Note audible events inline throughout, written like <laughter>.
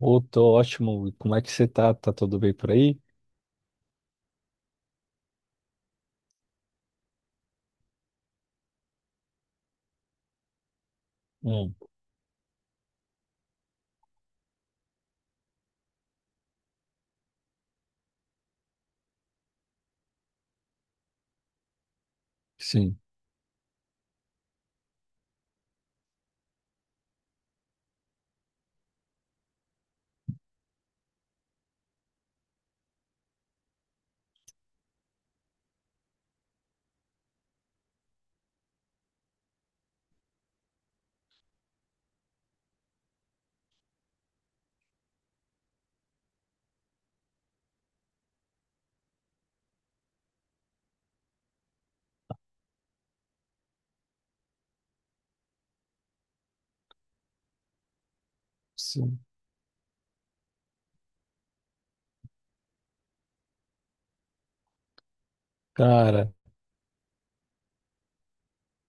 Ô, tô ótimo. E como é que você tá? Tá tudo bem por aí? Hum, sim, sim. Cara,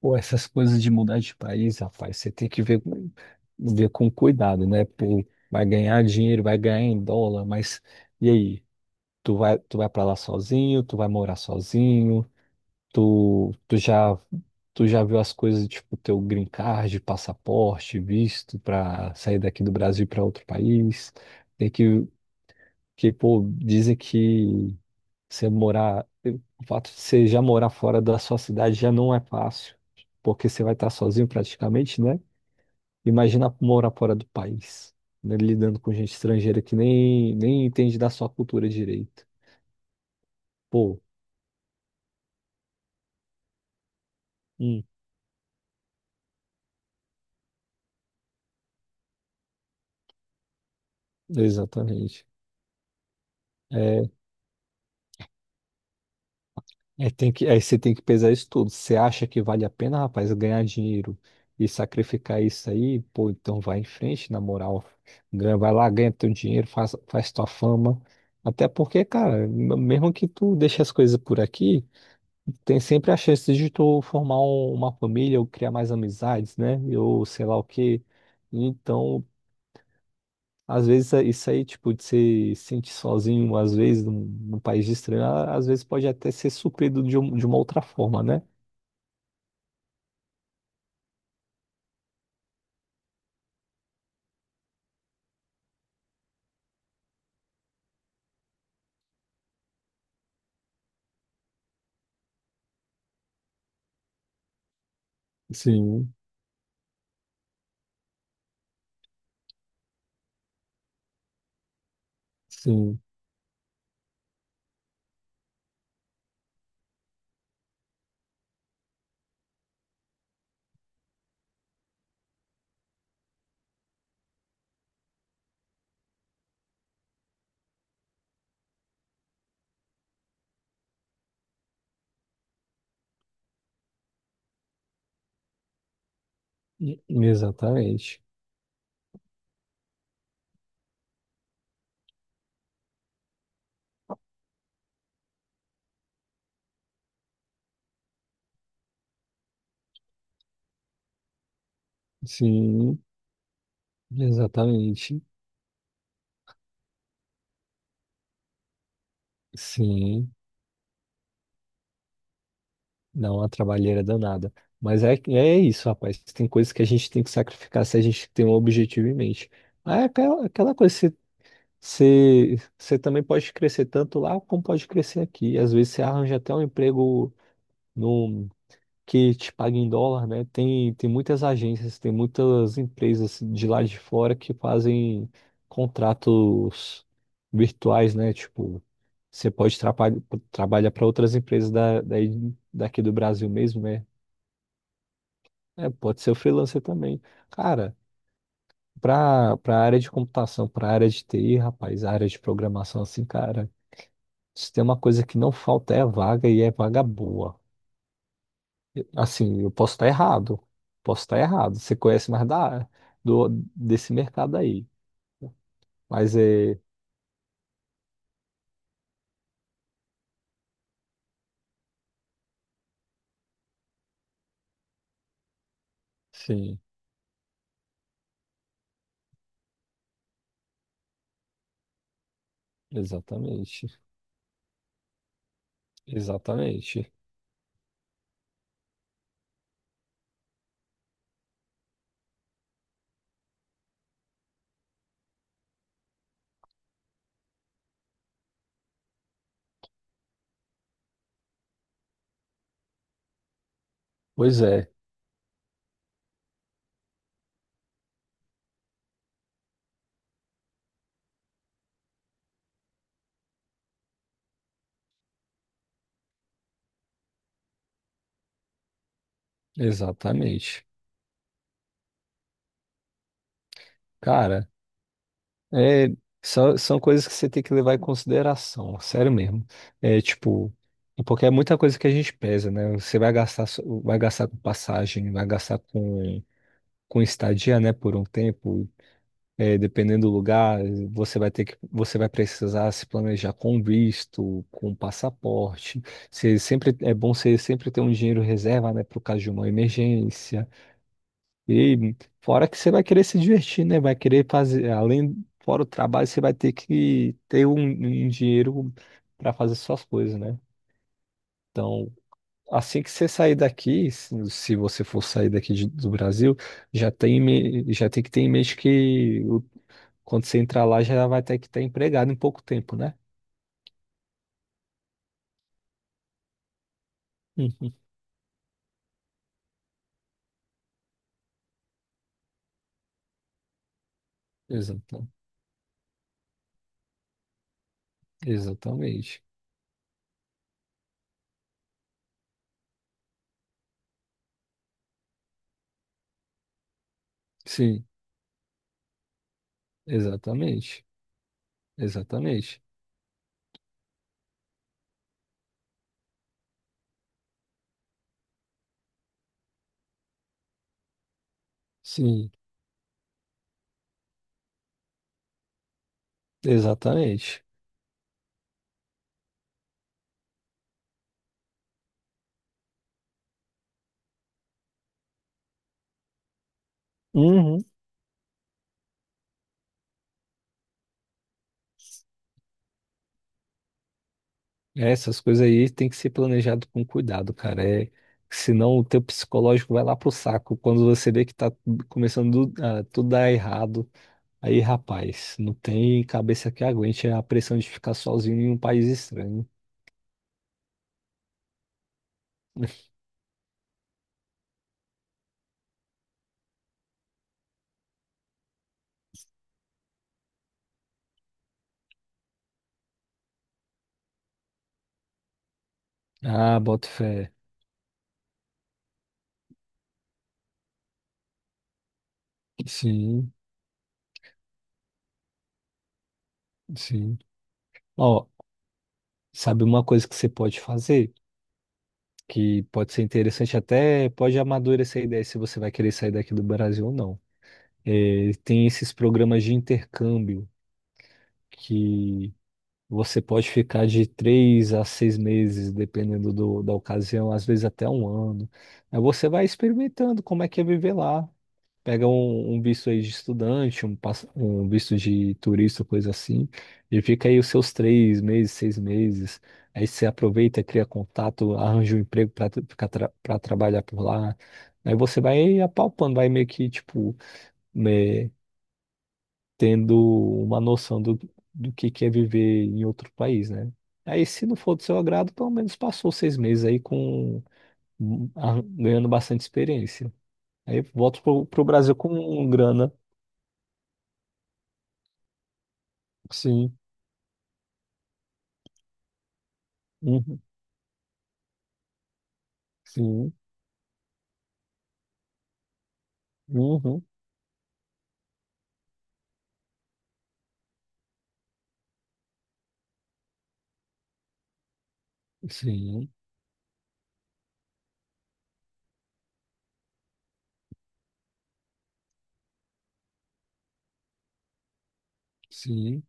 pô, essas coisas de mudar de país, rapaz, você tem que ver, ver com cuidado, né? Pô, vai ganhar dinheiro, vai ganhar em dólar, mas e aí? Tu vai pra lá sozinho? Tu vai morar sozinho? Tu, tu já, tu já viu as coisas, tipo, teu green card, passaporte, visto pra sair daqui do Brasil pra outro país? Tem que, pô, dizem que você morar, o fato de você já morar fora da sua cidade já não é fácil, porque você vai estar sozinho praticamente, né? Imagina morar fora do país, né? Lidando com gente estrangeira que nem entende da sua cultura direito. Pô, hum, exatamente. É, É, tem que, aí você tem que pesar isso tudo. Você acha que vale a pena, rapaz, ganhar dinheiro e sacrificar isso aí? Pô, então vai em frente, na moral. Vai lá, ganha teu dinheiro, faz tua fama. Até porque, cara, mesmo que tu deixe as coisas por aqui, tem sempre a chance de tu formar uma família ou criar mais amizades, né? Ou sei lá o quê. Então, às vezes, é isso aí, tipo, de se sentir sozinho, às vezes, num país estranho, às vezes pode até ser suprido de uma outra forma, né? Sim, sim, exatamente. Sim, exatamente. Sim, dá uma trabalheira danada. Mas é isso, rapaz. Tem coisas que a gente tem que sacrificar se a gente tem um objetivo em mente. Aí é aquela coisa, você, você também pode crescer tanto lá como pode crescer aqui. Às vezes você arranja até um emprego que te paga em dólar, né? Tem muitas agências, tem muitas empresas de lá de fora que fazem contratos virtuais, né? Tipo, você pode trabalhar para outras empresas daqui do Brasil mesmo, né? É, pode ser o freelancer também. Cara, para área de computação, para área de TI, rapaz, a área de programação, assim, cara, se tem uma coisa que não falta é vaga e é vaga boa. Assim, eu posso estar errado. Posso estar errado. Você conhece mais do, desse mercado aí. Mas é. Sim, exatamente. Exatamente. Pois é, exatamente. Cara, é, são coisas que você tem que levar em consideração, sério mesmo. É tipo, porque é muita coisa que a gente pesa, né? Você vai gastar, vai gastar com passagem, vai gastar com estadia, né, por um tempo. É, dependendo do lugar, você vai precisar se planejar com visto, com passaporte. Você sempre é bom você sempre ter um dinheiro reserva, né, para o caso de uma emergência. E fora que você vai querer se divertir, né? Vai querer fazer, além fora o trabalho, você vai ter que ter um dinheiro para fazer suas coisas, né? Então, assim que você sair daqui, se você for sair daqui do Brasil, já tem que ter em mente que quando você entrar lá, já vai ter que estar empregado em pouco tempo, né? Uhum. Exata- Exatamente. Sim, exatamente. Exatamente. Sim, exatamente. Uhum. É, essas coisas aí tem que ser planejado com cuidado, cara. É, senão o teu psicológico vai lá pro saco quando você vê que tá começando a tudo dar errado. Aí, rapaz, não tem cabeça que aguente a pressão de ficar sozinho em um país estranho. <laughs> Ah, boto fé. Sim, sim. Ó, sabe uma coisa que você pode fazer, que pode ser interessante até, pode amadurecer a ideia se você vai querer sair daqui do Brasil ou não. É, tem esses programas de intercâmbio que você pode ficar de 3 a 6 meses, dependendo da ocasião, às vezes até um ano. Aí você vai experimentando como é que é viver lá. Pega um visto aí de estudante, um visto de turista, coisa assim, e fica aí os seus 3 meses, 6 meses. Aí você aproveita, cria contato, arranja um emprego para ficar tra para trabalhar por lá. Aí você vai apalpando, vai meio que, tipo, né, tendo uma noção do que é viver em outro país, né? Aí, se não for do seu agrado, pelo menos passou 6 meses aí com ganhando bastante experiência. Aí volta pro Brasil com grana. Sim. Uhum, sim, uhum, sim, sim.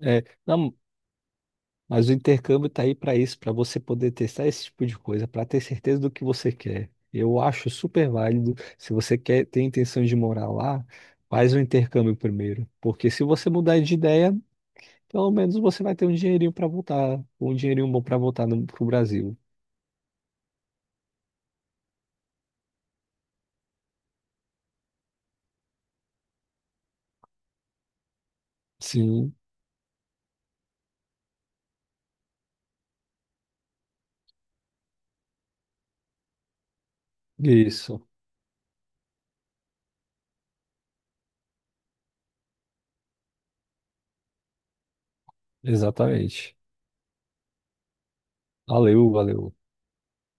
É, não, mas o intercâmbio está aí para isso, para você poder testar esse tipo de coisa, para ter certeza do que você quer. Eu acho super válido. Se você quer, tem intenção de morar lá, faz o intercâmbio primeiro, porque se você mudar de ideia, pelo menos você vai ter um dinheirinho para voltar, um dinheirinho bom para voltar para o Brasil. Sim, isso, exatamente. Valeu, valeu.